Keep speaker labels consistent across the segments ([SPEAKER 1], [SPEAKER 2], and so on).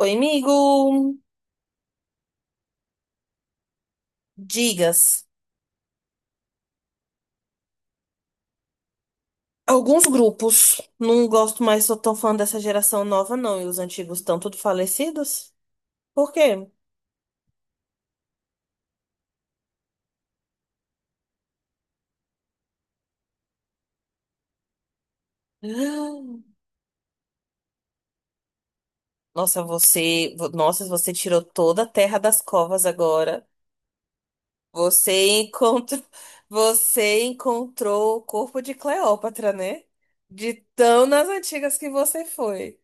[SPEAKER 1] Oi, amigo. Digas. Alguns grupos, não gosto mais, sou tão fã dessa geração nova, não. E os antigos estão tudo falecidos? Por quê? Nossa, nossa, você tirou toda a terra das covas agora. Você encontrou. Você encontrou o corpo de Cleópatra, né? De tão nas antigas que você foi.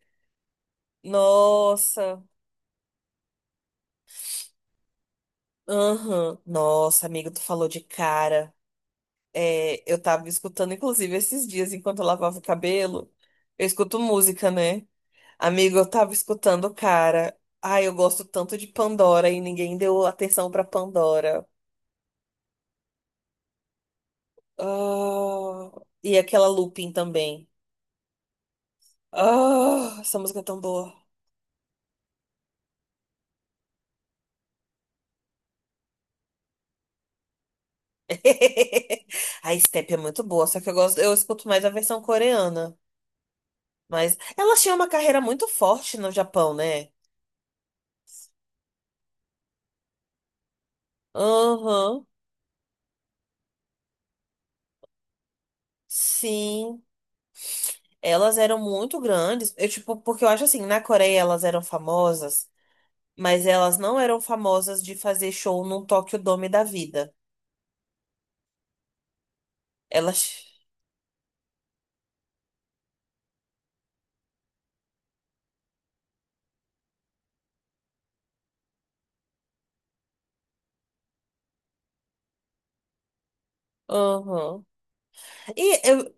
[SPEAKER 1] Nossa. Aham. Nossa, amigo, tu falou de cara. É, eu tava escutando, inclusive, esses dias, enquanto eu lavava o cabelo, eu escuto música, né? Amigo, eu tava escutando, o cara. Ai, eu gosto tanto de Pandora e ninguém deu atenção pra Pandora. Ah, e aquela Lupin também. Ah, essa música é tão boa. A Step é muito boa, só que eu escuto mais a versão coreana. Mas ela tinha uma carreira muito forte no Japão, né? Aham, sim. Elas eram muito grandes. Eu, tipo, porque eu acho assim, na Coreia elas eram famosas, mas elas não eram famosas de fazer show num Tokyo Dome da vida. Elas. Aham. E eu,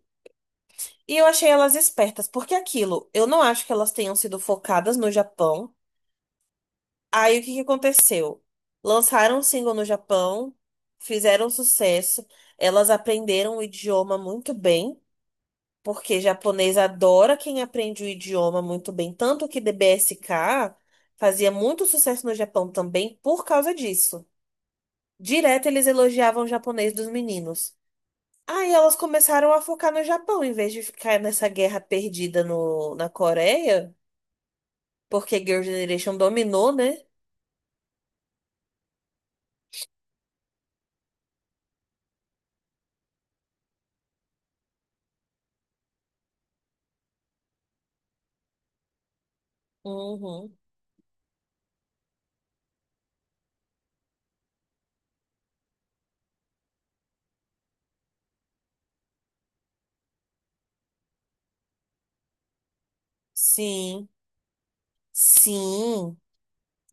[SPEAKER 1] e eu achei elas espertas, porque aquilo, eu não acho que elas tenham sido focadas no Japão. Aí o que que aconteceu? Lançaram um single no Japão, fizeram sucesso, elas aprenderam o idioma muito bem. Porque japonês adora quem aprende o idioma muito bem. Tanto que DBSK fazia muito sucesso no Japão também por causa disso. Direto eles elogiavam o japonês dos meninos. Aí elas começaram a focar no Japão, em vez de ficar nessa guerra perdida no, na Coreia, porque Girl Generation dominou, né? Uhum. Sim, sim.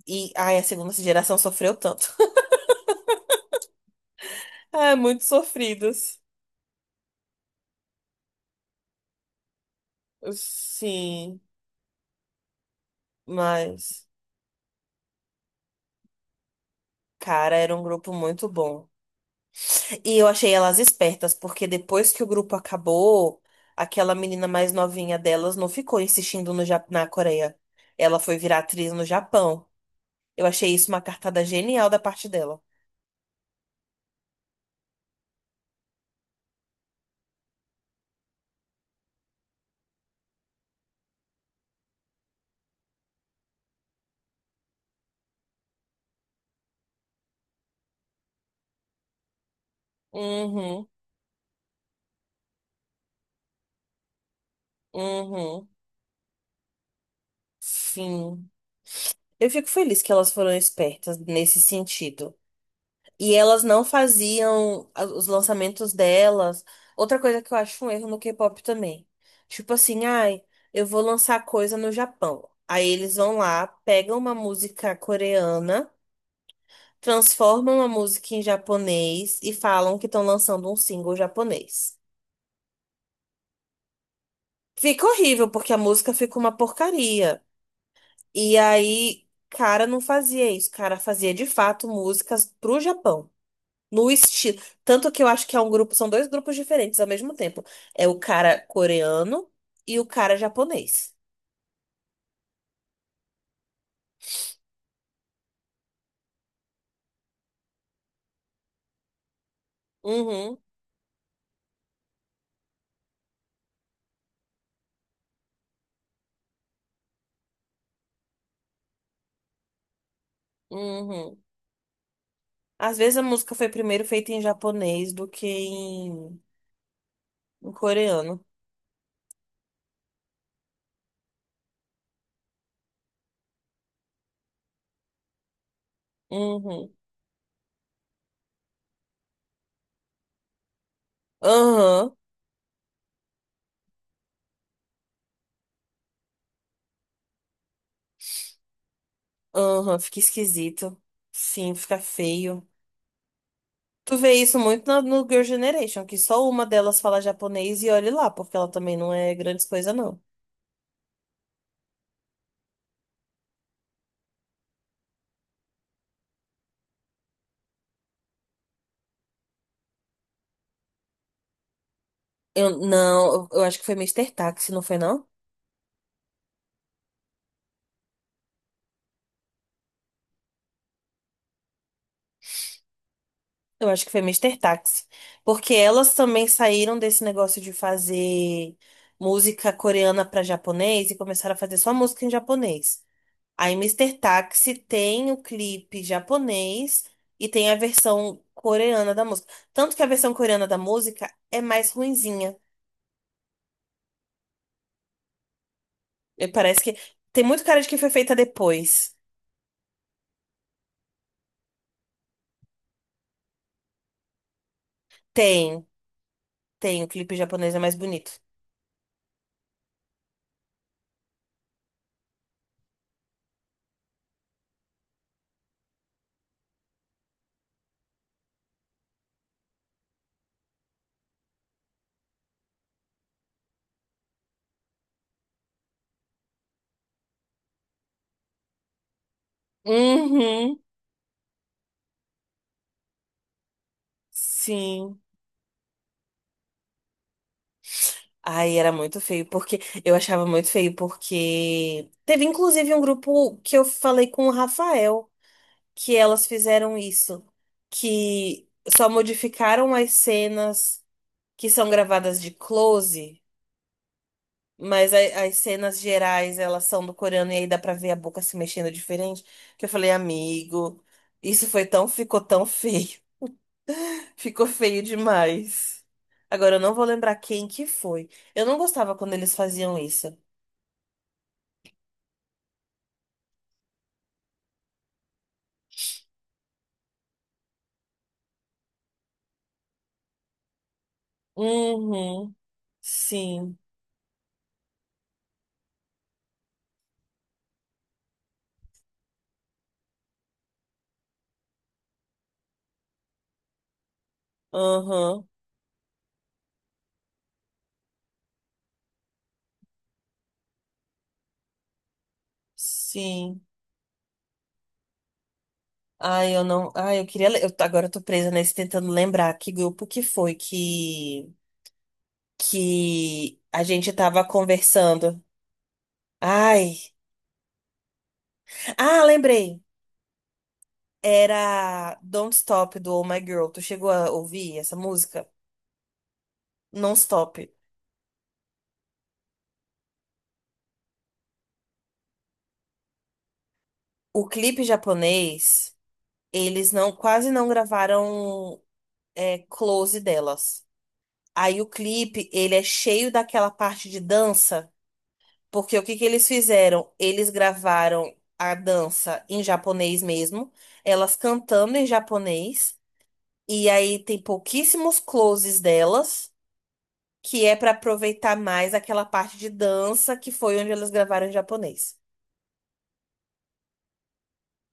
[SPEAKER 1] E ai, a segunda geração sofreu tanto. Ah, muito sofridos. Sim, mas. Cara, era um grupo muito bom. E eu achei elas espertas, porque depois que o grupo acabou, aquela menina mais novinha delas não ficou insistindo no Ja- na Coreia. Ela foi virar atriz no Japão. Eu achei isso uma cartada genial da parte dela. Uhum, uhum. Sim. Eu fico feliz que elas foram espertas nesse sentido. E elas não faziam os lançamentos delas. Outra coisa que eu acho um erro no K-pop também. Tipo assim, ai, eu vou lançar coisa no Japão. Aí eles vão lá, pegam uma música coreana, transformam a música em japonês e falam que estão lançando um single japonês. Fica horrível, porque a música fica uma porcaria. E aí, cara não fazia isso. Cara fazia de fato músicas pro Japão. No estilo. Tanto que eu acho que é um grupo, são dois grupos diferentes ao mesmo tempo. É o cara coreano e o cara japonês. Uhum, uhum. Às vezes a música foi primeiro feita em japonês do que em coreano. Uhum. Aham, aham, fica esquisito. Sim, fica feio. Tu vê isso muito no Girl Generation, que só uma delas fala japonês e olhe lá, porque ela também não é grande coisa, não. Eu acho que foi Mister Taxi, não foi, não? Eu acho que foi Mister Taxi. Porque elas também saíram desse negócio de fazer música coreana para japonês e começaram a fazer só música em japonês. Aí Mister Taxi tem o clipe japonês e tem a versão coreana da música. Tanto que a versão coreana da música é mais ruinzinha. E parece que tem muito cara de que foi feita depois. Tem, tem, o clipe japonês é mais bonito. Uhum, sim. Ai, era muito feio, porque eu achava muito feio, porque teve inclusive um grupo que eu falei com o Rafael, que elas fizeram isso, que só modificaram as cenas que são gravadas de close, mas as cenas gerais elas são do coreano e aí dá pra ver a boca se mexendo diferente, que eu falei, amigo, ficou tão feio, ficou feio demais. Agora eu não vou lembrar quem que foi. Eu não gostava quando eles faziam isso. Uhum, sim, aham, sim. Ai, eu não. Ai, eu queria. Le- Eu, agora eu tô presa nesse tentando lembrar que grupo que foi que a gente tava conversando. Ai. Ah, lembrei. Era Don't Stop do Oh My Girl. Tu chegou a ouvir essa música? Non Stop. O clipe japonês, eles quase não gravaram é, close delas. Aí o clipe, ele é cheio daquela parte de dança. Porque o que que eles fizeram? Eles gravaram a dança em japonês mesmo, elas cantando em japonês, e aí tem pouquíssimos closes delas, que é pra aproveitar mais aquela parte de dança que foi onde elas gravaram em japonês.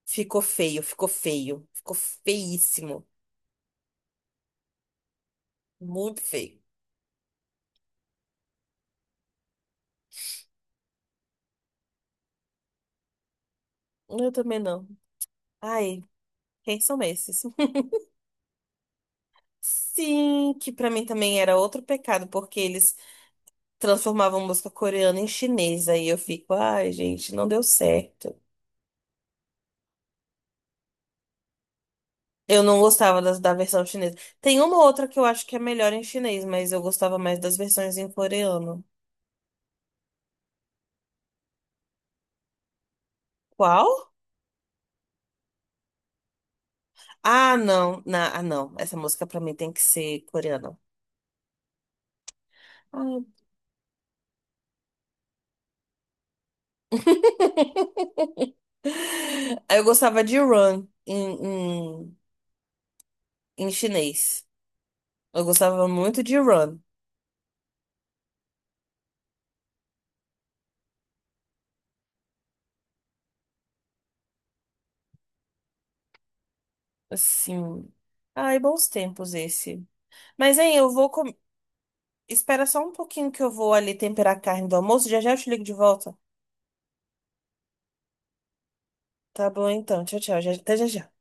[SPEAKER 1] Ficou feio, ficou feio, ficou feíssimo, muito feio. Eu também não. Ai, quem são esses? Sim, que pra mim também era outro pecado, porque eles transformavam música coreana em chinesa. E eu fico, ai, gente, não deu certo. Eu não gostava da versão chinesa. Tem uma outra que eu acho que é melhor em chinês, mas eu gostava mais das versões em coreano. Qual? Ah, não. Essa música pra mim tem que ser coreana. Ah. Eu gostava de Run em, em chinês. Eu gostava muito de Run. Assim. Ai, bons tempos esse. Mas, hein, eu vou. Com- Espera só um pouquinho que eu vou ali temperar a carne do almoço. Já já eu te ligo de volta. Tá bom, então. Tchau, tchau. Até já já.